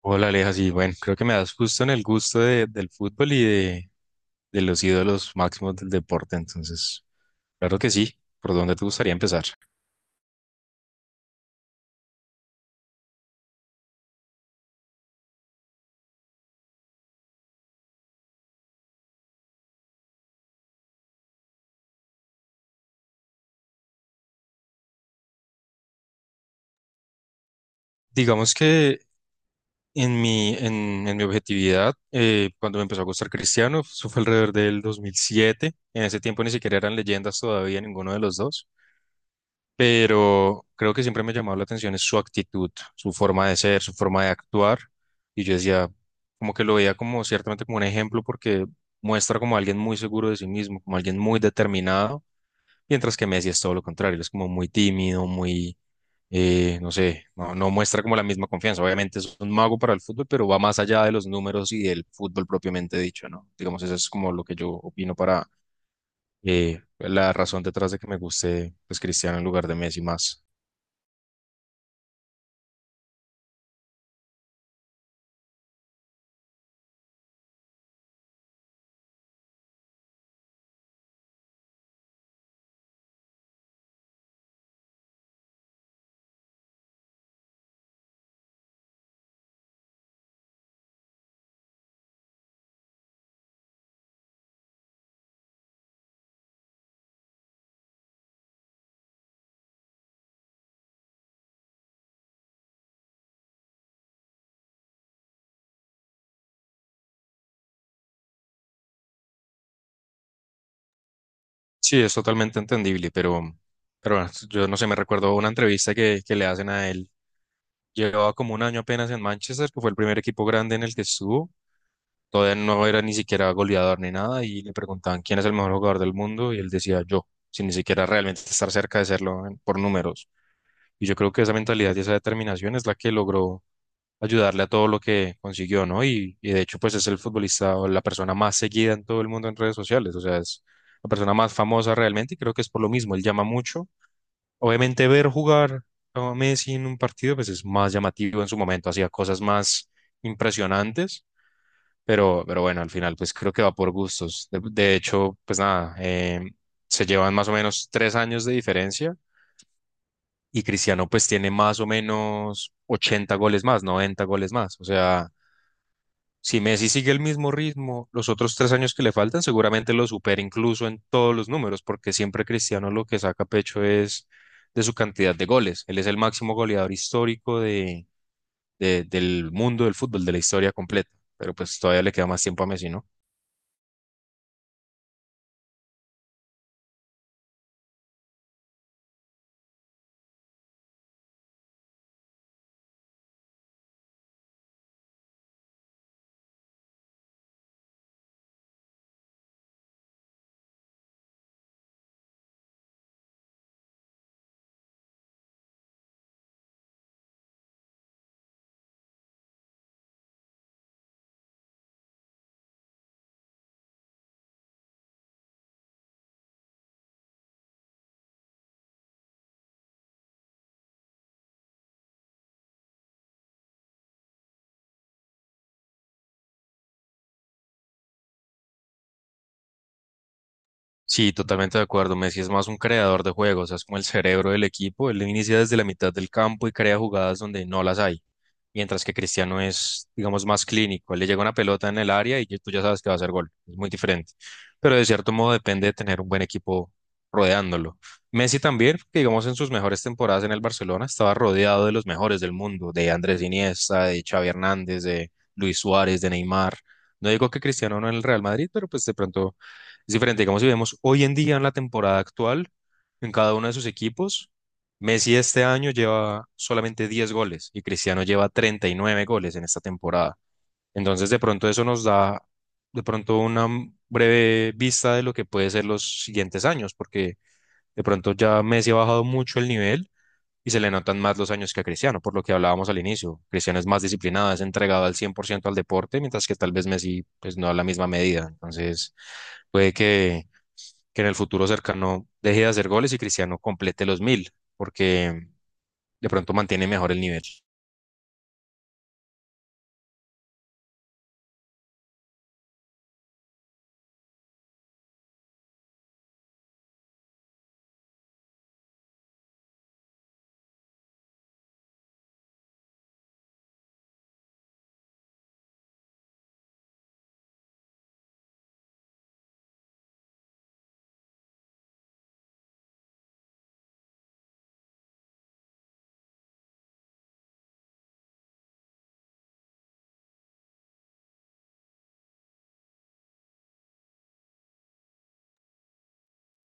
Hola Aleja, sí, bueno, creo que me das justo en el gusto del fútbol y de los ídolos máximos del deporte, entonces, claro que sí, ¿por dónde te gustaría empezar? Digamos que en mi objetividad, cuando me empezó a gustar Cristiano, eso fue alrededor del 2007. En ese tiempo ni siquiera eran leyendas todavía ninguno de los dos, pero creo que siempre me ha llamado la atención es su actitud, su forma de ser, su forma de actuar. Y yo decía, como que lo veía como ciertamente como un ejemplo porque muestra como alguien muy seguro de sí mismo, como alguien muy determinado, mientras que Messi es todo lo contrario, él es como muy tímido, no sé, no muestra como la misma confianza. Obviamente es un mago para el fútbol, pero va más allá de los números y del fútbol propiamente dicho, ¿no? Digamos, eso es como lo que yo opino: la razón detrás de que me guste pues Cristiano en lugar de Messi más. Sí, es totalmente entendible, pero bueno, yo no sé, me recuerdo una entrevista que le hacen a él. Llevaba como un año apenas en Manchester, que fue el primer equipo grande en el que estuvo. Todavía no era ni siquiera goleador ni nada, y le preguntaban quién es el mejor jugador del mundo, y él decía yo, sin ni siquiera realmente estar cerca de serlo por números. Y yo creo que esa mentalidad y esa determinación es la que logró ayudarle a todo lo que consiguió, ¿no? Y de hecho, pues es el futbolista o la persona más seguida en todo el mundo en redes sociales, o sea, es la persona más famosa realmente y creo que es por lo mismo, él llama mucho. Obviamente ver jugar a Messi en un partido, pues es más llamativo en su momento, hacía cosas más impresionantes, pero bueno, al final, pues creo que va por gustos. De hecho, pues nada, se llevan más o menos tres años de diferencia. Y Cristiano pues tiene más o menos 80 goles más, 90 goles más. O sea, si Messi sigue el mismo ritmo, los otros tres años que le faltan seguramente lo supera incluso en todos los números, porque siempre Cristiano lo que saca pecho es de su cantidad de goles. Él es el máximo goleador histórico de, del mundo del fútbol, de la historia completa, pero pues todavía le queda más tiempo a Messi, ¿no? Sí, totalmente de acuerdo. Messi es más un creador de juegos, es como el cerebro del equipo. Él inicia desde la mitad del campo y crea jugadas donde no las hay, mientras que Cristiano es, digamos, más clínico. Él le llega una pelota en el área y tú ya sabes que va a hacer gol. Es muy diferente. Pero de cierto modo depende de tener un buen equipo rodeándolo. Messi también, que digamos en sus mejores temporadas en el Barcelona, estaba rodeado de los mejores del mundo, de Andrés Iniesta, de Xavi Hernández, de Luis Suárez, de Neymar. No digo que Cristiano no en el Real Madrid, pero pues de pronto es diferente. Digamos, si vemos hoy en día en la temporada actual, en cada uno de sus equipos. Messi este año lleva solamente 10 goles y Cristiano lleva 39 goles en esta temporada. Entonces, de pronto eso nos da de pronto una breve vista de lo que puede ser los siguientes años, porque de pronto ya Messi ha bajado mucho el nivel y se le notan más los años que a Cristiano, por lo que hablábamos al inicio. Cristiano es más disciplinado, es entregado al 100 por ciento al deporte, mientras que tal vez Messi pues no a la misma medida. Entonces, puede que en el futuro cercano deje de hacer goles y Cristiano complete los 1000, porque de pronto mantiene mejor el nivel.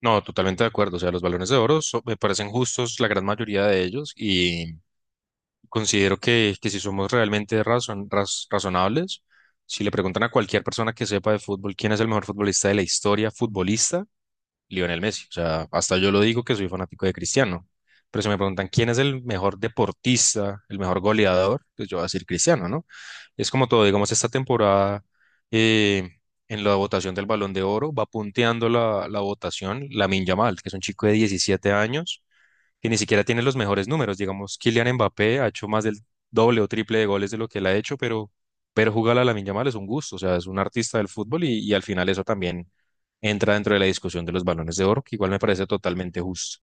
No, totalmente de acuerdo. O sea, los balones de oro me parecen justos la gran mayoría de ellos y considero que si somos realmente razonables, si le preguntan a cualquier persona que sepa de fútbol quién es el mejor futbolista de la historia futbolista, Lionel Messi. O sea, hasta yo lo digo que soy fanático de Cristiano. Pero si me preguntan quién es el mejor deportista, el mejor goleador, pues yo voy a decir Cristiano, ¿no? Es como todo, digamos, esta temporada eh, en la votación del Balón de Oro va punteando la votación Lamine Yamal, que es un chico de 17 años que ni siquiera tiene los mejores números. Digamos, Kylian Mbappé ha hecho más del doble o triple de goles de lo que él ha hecho, pero jugar a Lamine mal es un gusto, o sea, es un artista del fútbol y al final eso también entra dentro de la discusión de los balones de oro, que igual me parece totalmente justo.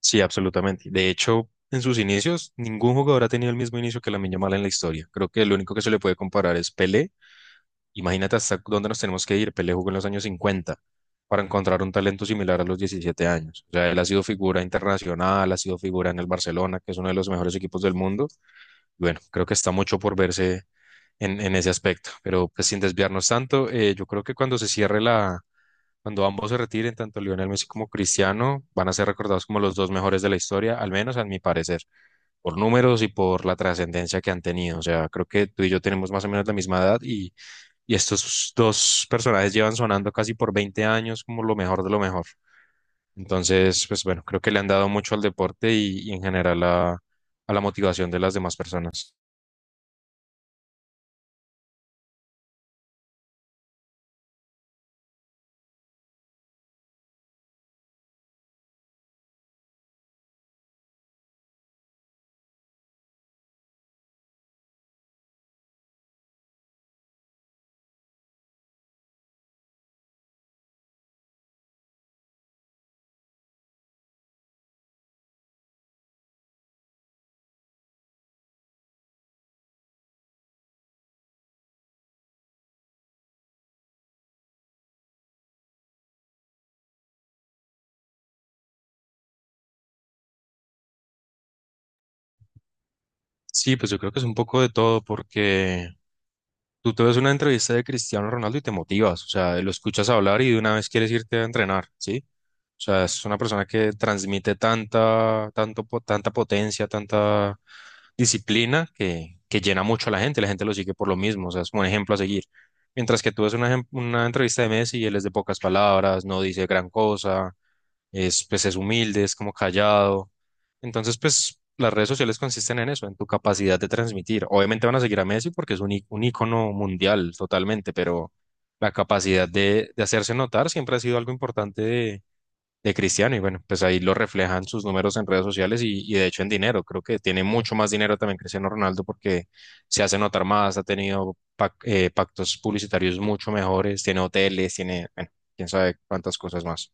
Sí, absolutamente. De hecho, en sus inicios, ningún jugador ha tenido el mismo inicio que Lamine mal en la historia. Creo que lo único que se le puede comparar es Pelé. Imagínate hasta dónde nos tenemos que ir. Pelé jugó en los años 50 para encontrar un talento similar a los 17 años. O sea, él ha sido figura internacional, ha sido figura en el Barcelona, que es uno de los mejores equipos del mundo. Bueno, creo que está mucho por verse en ese aspecto, pero pues sin desviarnos tanto, yo creo que cuando se cierre cuando ambos se retiren, tanto Lionel Messi como Cristiano, van a ser recordados como los dos mejores de la historia, al menos a mi parecer, por números y por la trascendencia que han tenido. O sea, creo que tú y yo tenemos más o menos la misma edad y estos dos personajes llevan sonando casi por 20 años como lo mejor de lo mejor. Entonces, pues bueno, creo que le han dado mucho al deporte y en general a la motivación de las demás personas. Sí, pues yo creo que es un poco de todo porque tú te ves una entrevista de Cristiano Ronaldo y te motivas, o sea, lo escuchas hablar y de una vez quieres irte a entrenar, ¿sí? O sea, es una persona que transmite tanta, tanta potencia, tanta disciplina que llena mucho a la gente lo sigue por lo mismo, o sea, es como un ejemplo a seguir. Mientras que tú ves una entrevista de Messi, él es de pocas palabras, no dice gran cosa, es, pues es humilde, es como callado. Entonces, pues las redes sociales consisten en eso, en tu capacidad de transmitir. Obviamente van a seguir a Messi porque es un, un ícono mundial totalmente, pero la capacidad de hacerse notar siempre ha sido algo importante de Cristiano y bueno, pues ahí lo reflejan sus números en redes sociales y de hecho en dinero. Creo que tiene mucho más dinero también Cristiano Ronaldo porque se hace notar más, ha tenido pactos publicitarios mucho mejores, tiene hoteles, tiene, bueno, quién sabe cuántas cosas más.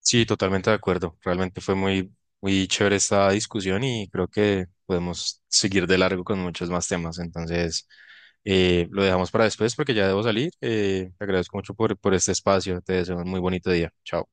Sí, totalmente de acuerdo. Realmente fue muy, muy chévere esta discusión y creo que podemos seguir de largo con muchos más temas. Entonces, lo dejamos para después porque ya debo salir. Te agradezco mucho por este espacio. Te deseo un muy bonito día. Chao.